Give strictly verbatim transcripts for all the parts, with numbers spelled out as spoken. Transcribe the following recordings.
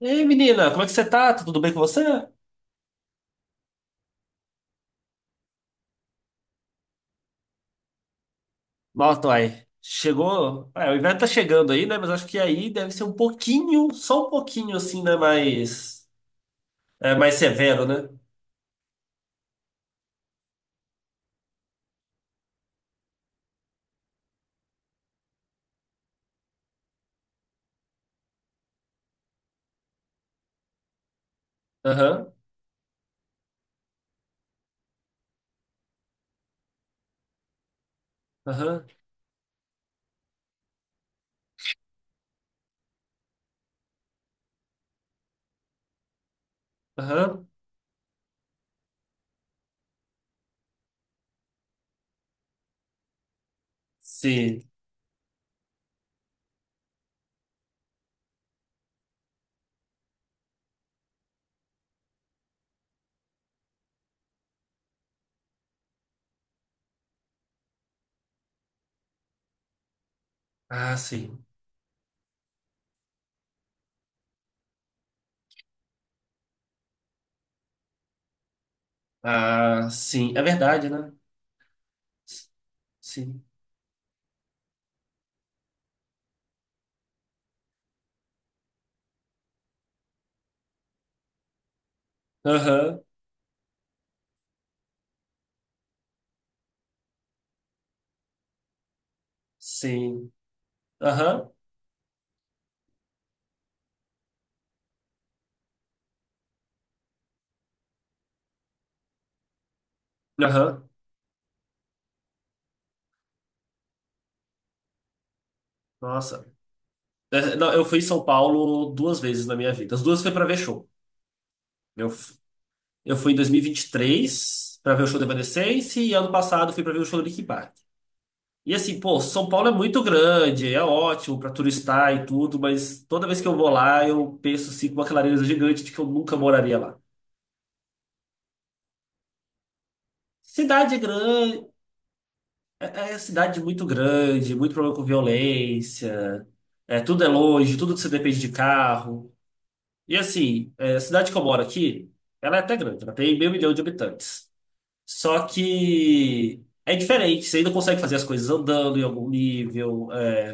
Ei, menina, como é que você tá? Tá tudo bem com você? Nossa, uai, chegou. É, o inverno tá chegando aí, né? Mas acho que aí deve ser um pouquinho, só um pouquinho assim, né? Mais, é, mais severo, né? Aham, aham, aham. Sim. Ah, sim. Ah, sim. É verdade, né? Sim. Aham, sim. Aham, aham. Nossa. É, não, eu fui em São Paulo duas vezes na minha vida. As duas foi pra ver show. Eu Eu fui em dois mil e vinte e três pra ver o show do Evanescence e ano passado fui pra ver o show do Linkin Park. E assim, pô, São Paulo é muito grande, é ótimo pra turistar e tudo, mas toda vez que eu vou lá, eu penso assim com uma clareza gigante de que eu nunca moraria lá. Cidade grande, é, é é cidade muito grande, muito problema com violência, é, tudo é longe, tudo você depende de carro. E assim, é, a cidade que eu moro aqui, ela é até grande, ela tem meio milhão de habitantes. Só que é diferente, você ainda consegue fazer as coisas andando em algum nível. É.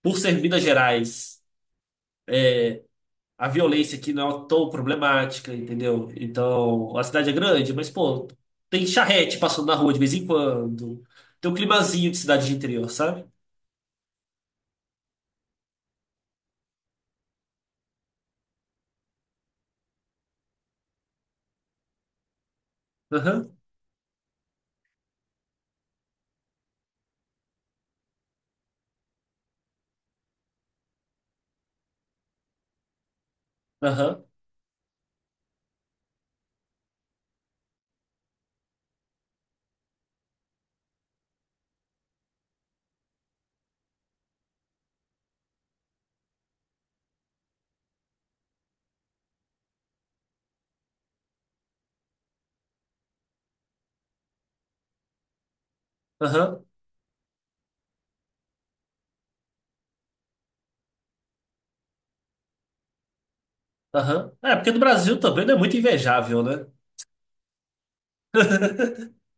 Por ser Minas Gerais, a violência aqui não é tão problemática, entendeu? Então, a cidade é grande, mas, pô, tem charrete passando na rua de vez em quando. Tem um climazinho de cidade de interior, sabe? Aham, aham, aham, aham. É, porque no Brasil também não é muito invejável, né?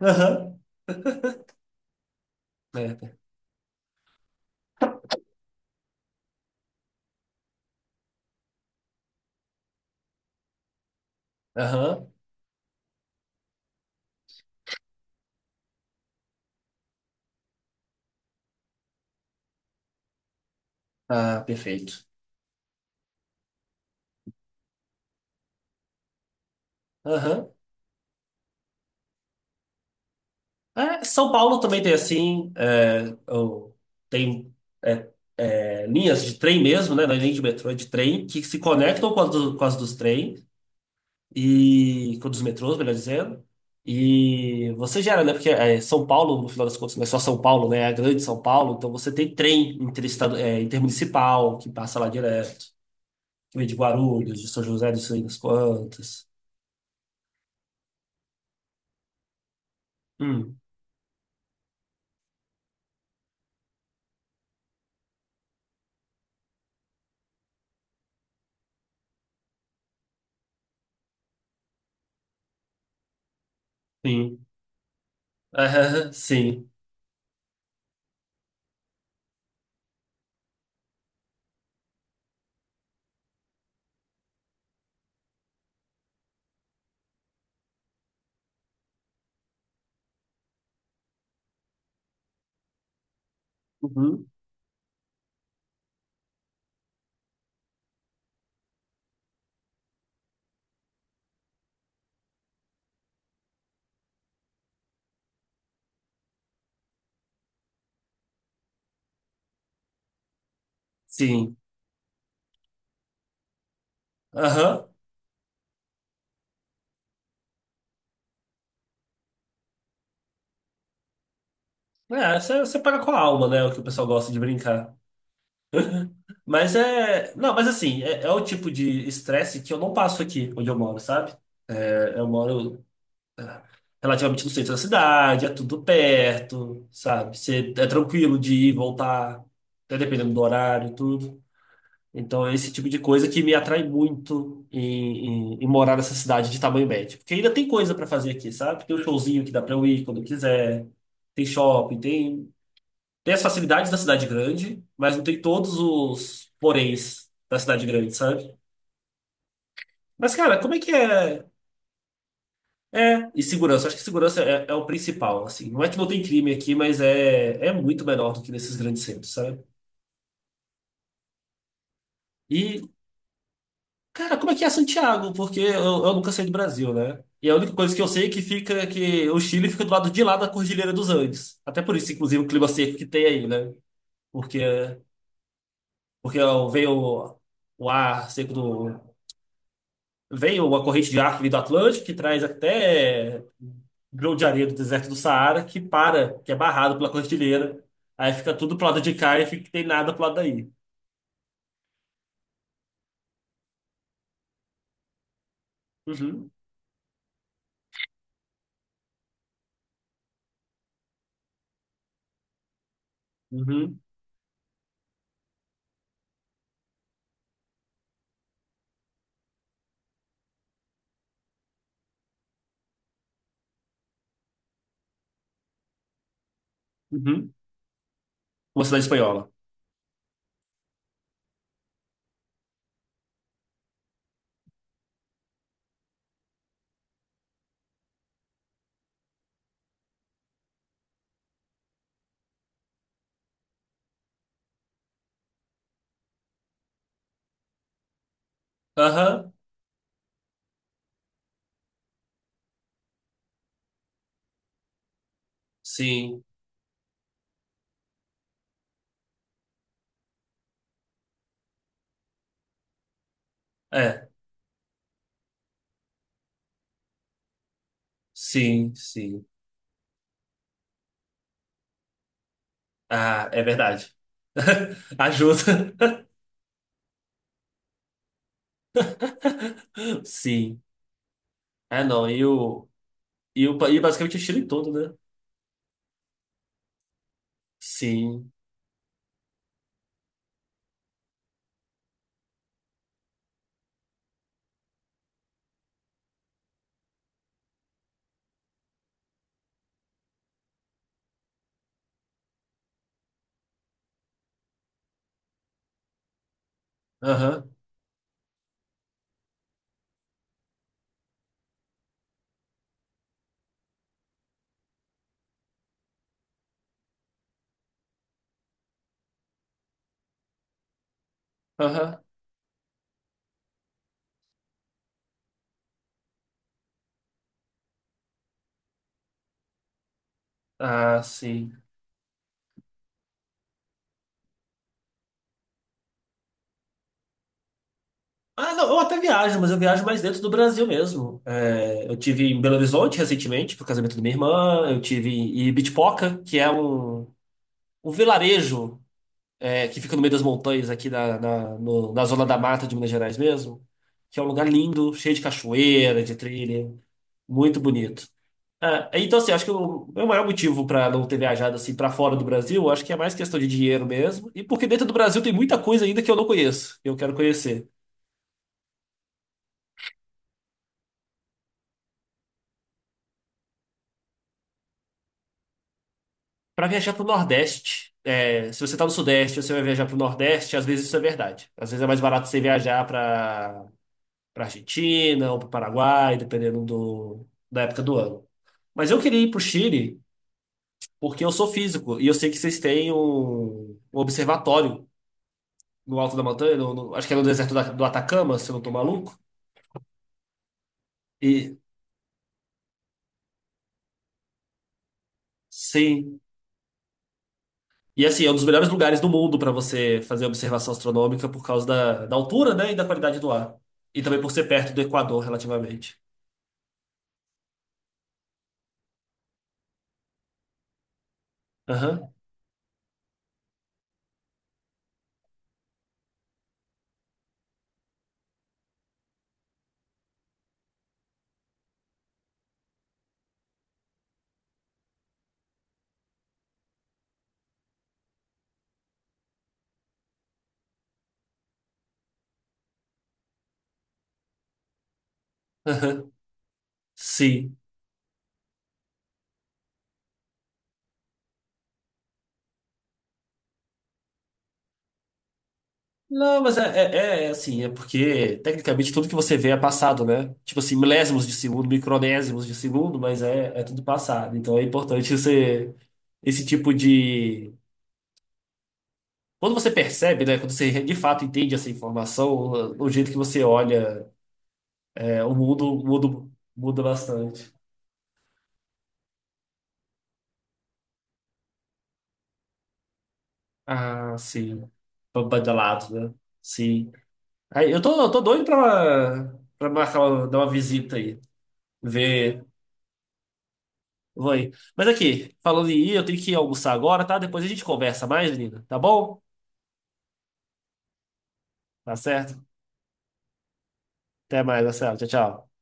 Aham. É, aham. Ah, perfeito. Aham. É, São Paulo também tem assim, é, o- tem é, é, linhas de trem mesmo, né? Não é nem de metrô, é de trem, que se conectam com as, do- com as dos trens e com os metrôs, melhor dizendo. E você gera, né? Porque é, São Paulo, no final das contas, não é só São Paulo, né? É a grande São Paulo, então você tem trem interestadu- é, intermunicipal que passa lá direto, que vem de Guarulhos, de São José, de sei das quantas. Hum, sim. Aham, sim. Uhum, sim. Aham. É, você, você paga com a alma, né? O que o pessoal gosta de brincar. Mas é. Não, mas assim, é, é o tipo de estresse que eu não passo aqui onde eu moro, sabe? É, eu moro é, relativamente no centro da cidade, é tudo perto, sabe? Você, é tranquilo de ir e voltar, até dependendo do horário e tudo. Então, é esse tipo de coisa que me atrai muito em, em, em morar nessa cidade de tamanho médio. Porque ainda tem coisa pra fazer aqui, sabe? Tem um showzinho que dá pra eu ir quando eu quiser, tem shopping, tem. Tem as facilidades da cidade grande, mas não tem todos os poréns da cidade grande, sabe? Mas, cara, como é que é? É, e segurança. Acho que segurança é, é o principal, assim. Não é que não tem crime aqui, mas é, é muito menor do que nesses grandes centros, sabe? E, cara, como é que é Santiago? Porque eu, eu nunca saí do Brasil, né? E a única coisa que eu sei é que fica é que o Chile fica do lado de lá da Cordilheira dos Andes. Até por isso, inclusive, o clima seco que tem aí, né? Porque, porque veio o o ar seco do, veio a corrente de ar que veio do Atlântico, que traz até grão de areia do deserto do Saara, que para, que é barrado pela cordilheira. Aí fica tudo pro lado de cá e fica que tem nada pro lado daí. Uhum, uhum, uhum. Uma cidade espanhola. Aham, sim. É, sim, sim. Ah, é verdade. Ajuda. Sim. É, não, e o, e o, e basicamente o Chile todo, né? Sim. Aham, aham. Ah, sim. Ah, não, eu até viajo, mas eu viajo mais dentro do Brasil mesmo. É, eu tive em Belo Horizonte recentemente, pro casamento da minha irmã, eu tive em Ibitipoca, que é um, um vilarejo é, que fica no meio das montanhas aqui na, na, no- na zona da mata de Minas Gerais mesmo, que é um lugar lindo, cheio de cachoeira, de trilha, muito bonito. Ah, então, assim, acho que o meu maior motivo para não ter viajado assim para fora do Brasil, acho que é mais questão de dinheiro mesmo, e porque dentro do Brasil tem muita coisa ainda que eu não conheço, que eu quero conhecer. Para viajar para o Nordeste, é, se você está no Sudeste, você vai viajar para o Nordeste, às vezes isso é verdade. Às vezes é mais barato você viajar para para Argentina ou para o Paraguai, dependendo do, da época do ano. Mas eu queria ir para o Chile porque eu sou físico e eu sei que vocês têm um, um observatório no alto da montanha, no- no- acho que é no deserto da- do Atacama, se eu não estou maluco. E sim. E assim, é um dos melhores lugares do mundo para você fazer observação astronômica por causa da, da altura, né, e da qualidade do ar. E também por ser perto do Equador, relativamente. Aham, aham, sim. Não, mas é, é, é é, assim, é porque tecnicamente tudo que você vê é passado, né? Tipo assim, milésimos de segundo, micronésimos de segundo, mas é, é tudo passado. Então é importante você, esse tipo de. Quando você percebe, né? Quando você de fato entende essa informação, o jeito que você olha, é, o mundo muda, muda bastante. Ah, sim. Pra badalados, né? Sim. Aí, eu tô, eu tô doido pra, pra marcar, uma- dar uma visita aí. Ver. Vou aí. Mas aqui, falando em ir, eu tenho que ir almoçar agora, tá? Depois a gente conversa mais, menina. Tá bom? Tá certo? Até mais, Marcelo. Tchau, tchau.